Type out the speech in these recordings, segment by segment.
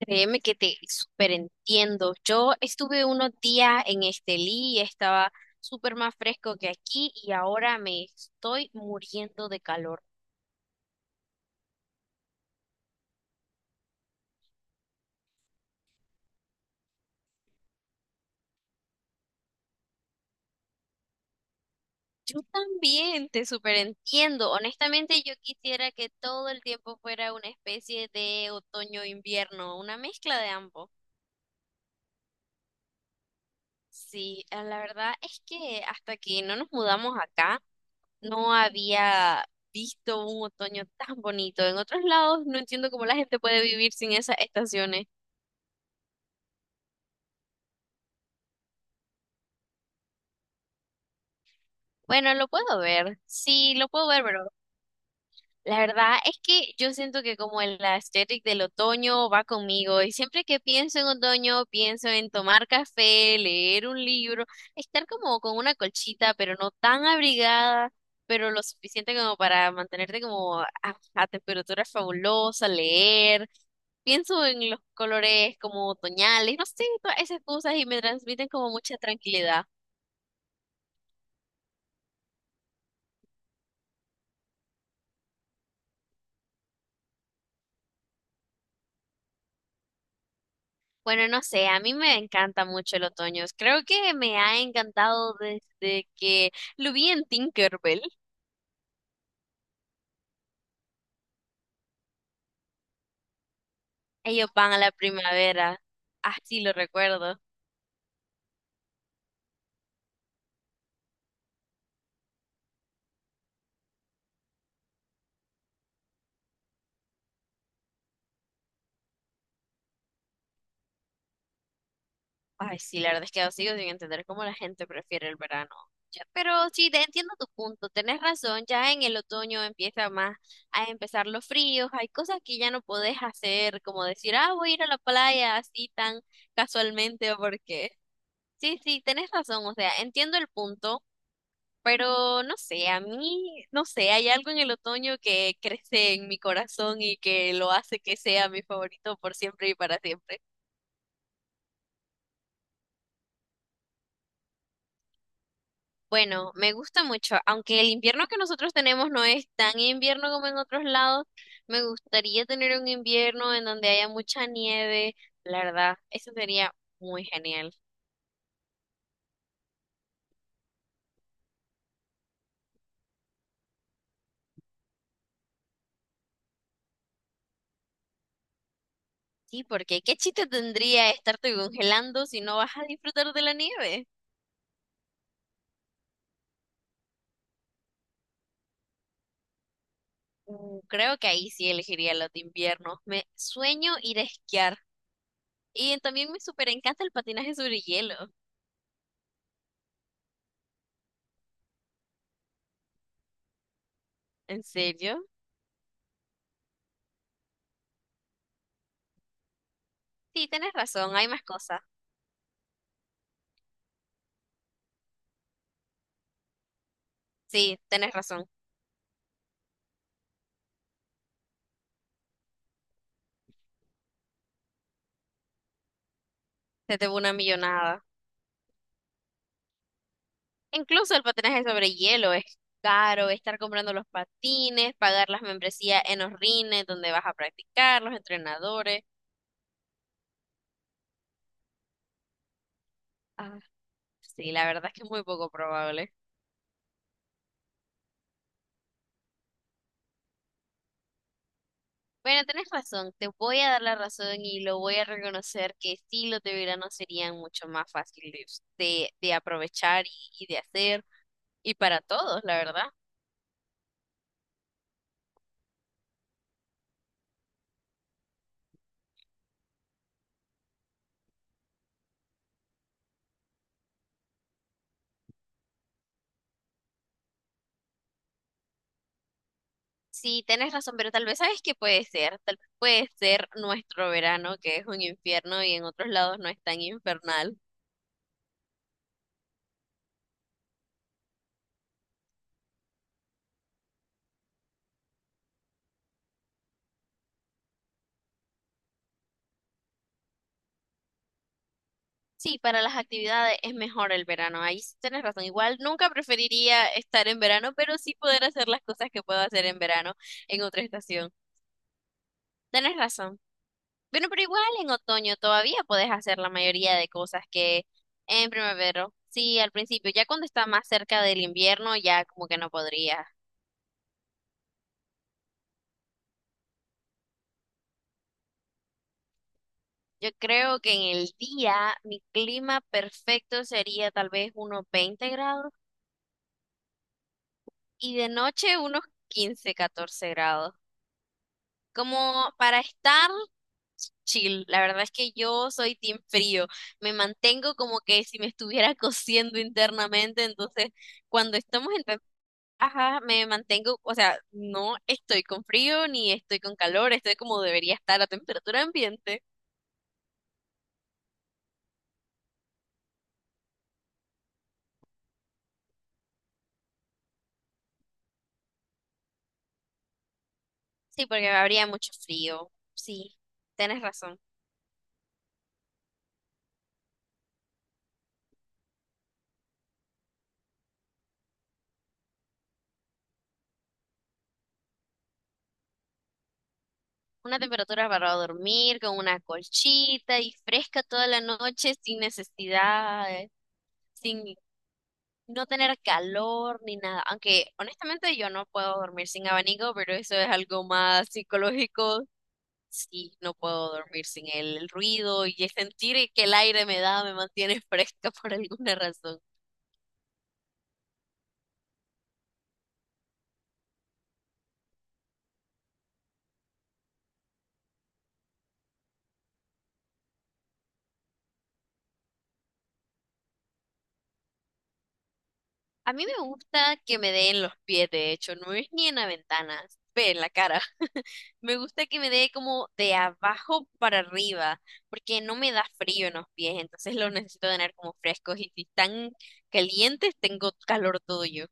Créeme que te súper entiendo. Yo estuve unos días en Estelí, y estaba súper más fresco que aquí y ahora me estoy muriendo de calor. Yo también te súper entiendo. Honestamente, yo quisiera que todo el tiempo fuera una especie de otoño-invierno, una mezcla de ambos. Sí, la verdad es que hasta que no nos mudamos acá, no había visto un otoño tan bonito. En otros lados no entiendo cómo la gente puede vivir sin esas estaciones. Bueno, lo puedo ver, sí, lo puedo ver, pero la verdad es que yo siento que como el aesthetic del otoño va conmigo y siempre que pienso en otoño pienso en tomar café, leer un libro, estar como con una colchita, pero no tan abrigada, pero lo suficiente como para mantenerte como a temperatura fabulosa, leer. Pienso en los colores como otoñales, no sé, todas esas cosas y me transmiten como mucha tranquilidad. Bueno, no sé, a mí me encanta mucho el otoño. Creo que me ha encantado desde que lo vi en Tinkerbell. Ellos van a la primavera, así lo recuerdo. Ay, sí, la verdad es que sigo sin entender cómo la gente prefiere el verano. Ya, pero sí, te entiendo tu punto, tenés razón, ya en el otoño empieza más a empezar los fríos, hay cosas que ya no podés hacer, como decir, ah, voy a ir a la playa así tan casualmente o porque... Sí, sí, tenés razón, o sea, entiendo el punto, pero no sé, a mí, no sé, hay algo en el otoño que crece en mi corazón y que lo hace que sea mi favorito por siempre y para siempre. Bueno, me gusta mucho, aunque el invierno que nosotros tenemos no es tan invierno como en otros lados, me gustaría tener un invierno en donde haya mucha nieve, la verdad, eso sería muy genial. Sí, porque ¿qué chiste tendría estarte congelando si no vas a disfrutar de la nieve? Creo que ahí sí elegiría los de invierno. Me sueño ir a esquiar y también me súper encanta el patinaje sobre hielo. ¿En serio? Sí, tenés razón, hay más cosas. Sí, tenés razón. Se te va una millonada. Incluso el patinaje sobre hielo es caro, estar comprando los patines, pagar las membresías en los rines donde vas a practicar, los entrenadores. Ah, sí, la verdad es que es muy poco probable. Bueno, tenés razón, te voy a dar la razón y lo voy a reconocer que sí los de verano serían mucho más fáciles de aprovechar y de hacer, y para todos, la verdad. Sí, tenés razón, pero tal vez sabes que puede ser, tal vez puede ser nuestro verano, que es un infierno y en otros lados no es tan infernal. Sí, para las actividades es mejor el verano, ahí sí tienes razón. Igual nunca preferiría estar en verano, pero sí poder hacer las cosas que puedo hacer en verano en otra estación. Tienes razón. Bueno, pero igual en otoño todavía puedes hacer la mayoría de cosas que en primavera. Sí, al principio, ya cuando está más cerca del invierno, ya como que no podría. Yo creo que en el día mi clima perfecto sería tal vez unos 20 grados y de noche unos 15 14 grados como para estar chill. La verdad es que yo soy team frío. Me mantengo como que si me estuviera cociendo internamente. Entonces, cuando estamos en ajá, me mantengo, o sea, no estoy con frío ni estoy con calor, estoy como debería estar a temperatura ambiente. Sí, porque habría mucho frío. Sí, tienes razón. Una temperatura para dormir, con una colchita y fresca toda la noche sin necesidad, sin no tener calor ni nada. Aunque honestamente yo no puedo dormir sin abanico, pero eso es algo más psicológico. Sí, no puedo dormir sin el ruido y el sentir que el aire me da, me mantiene fresca por alguna razón. A mí me gusta que me den los pies, de hecho, no es ni en la ventana, ve en la cara. Me gusta que me dé como de abajo para arriba, porque no me da frío en los pies, entonces los necesito tener como frescos y si están calientes, tengo calor todo yo.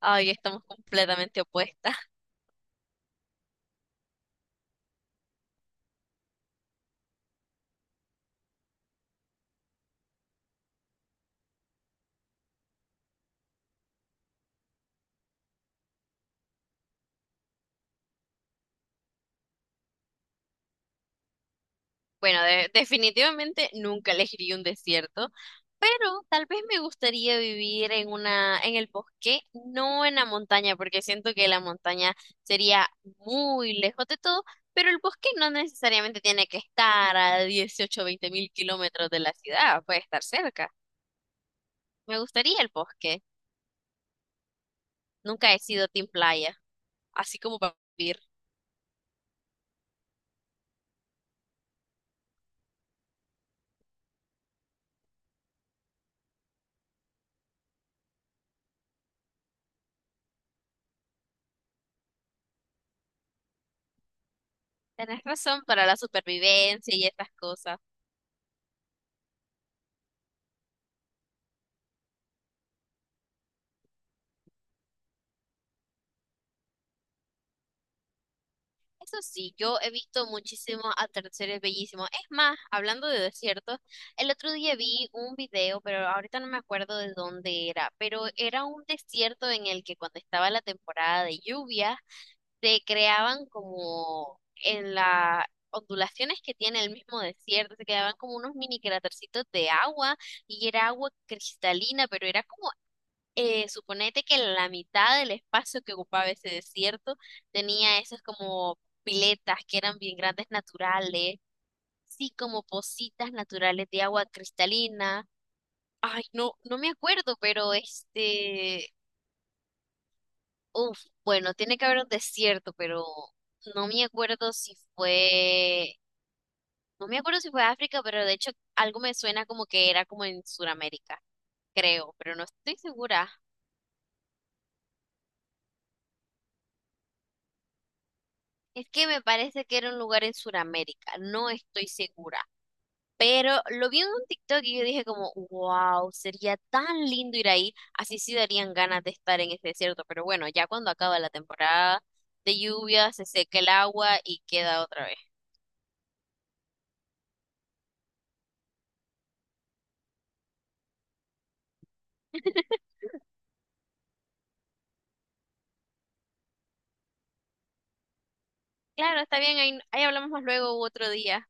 Ay, estamos completamente opuestas. Bueno, definitivamente nunca elegiría un desierto, pero tal vez me gustaría vivir en una, en el bosque, no en la montaña, porque siento que la montaña sería muy lejos de todo, pero el bosque no necesariamente tiene que estar a 18, o 20 mil kilómetros de la ciudad, puede estar cerca. Me gustaría el bosque. Nunca he sido team playa, así como para vivir. Tenés razón para la supervivencia y estas cosas. Eso sí, yo he visto muchísimos atardeceres bellísimos. Es más, hablando de desiertos, el otro día vi un video, pero ahorita no me acuerdo de dónde era, pero era un desierto en el que cuando estaba la temporada de lluvia, se creaban como en las ondulaciones que tiene el mismo desierto, se quedaban como unos mini crátercitos de agua y era agua cristalina, pero era como suponete que la mitad del espacio que ocupaba ese desierto tenía esas como piletas que eran bien grandes naturales, sí, como pocitas naturales de agua cristalina. Ay, no, no me acuerdo, pero este, uf, bueno, tiene que haber un desierto, pero no me acuerdo si fue, no me acuerdo si fue África, pero de hecho algo me suena como que era como en Sudamérica, creo, pero no estoy segura. Es que me parece que era un lugar en Sudamérica, no estoy segura. Pero lo vi en un TikTok y yo dije como, wow, sería tan lindo ir ahí. Así sí darían ganas de estar en ese desierto. Pero bueno, ya cuando acaba la temporada de lluvia, se seca el agua y queda otra vez. Claro, está bien, ahí hablamos más luego u otro día.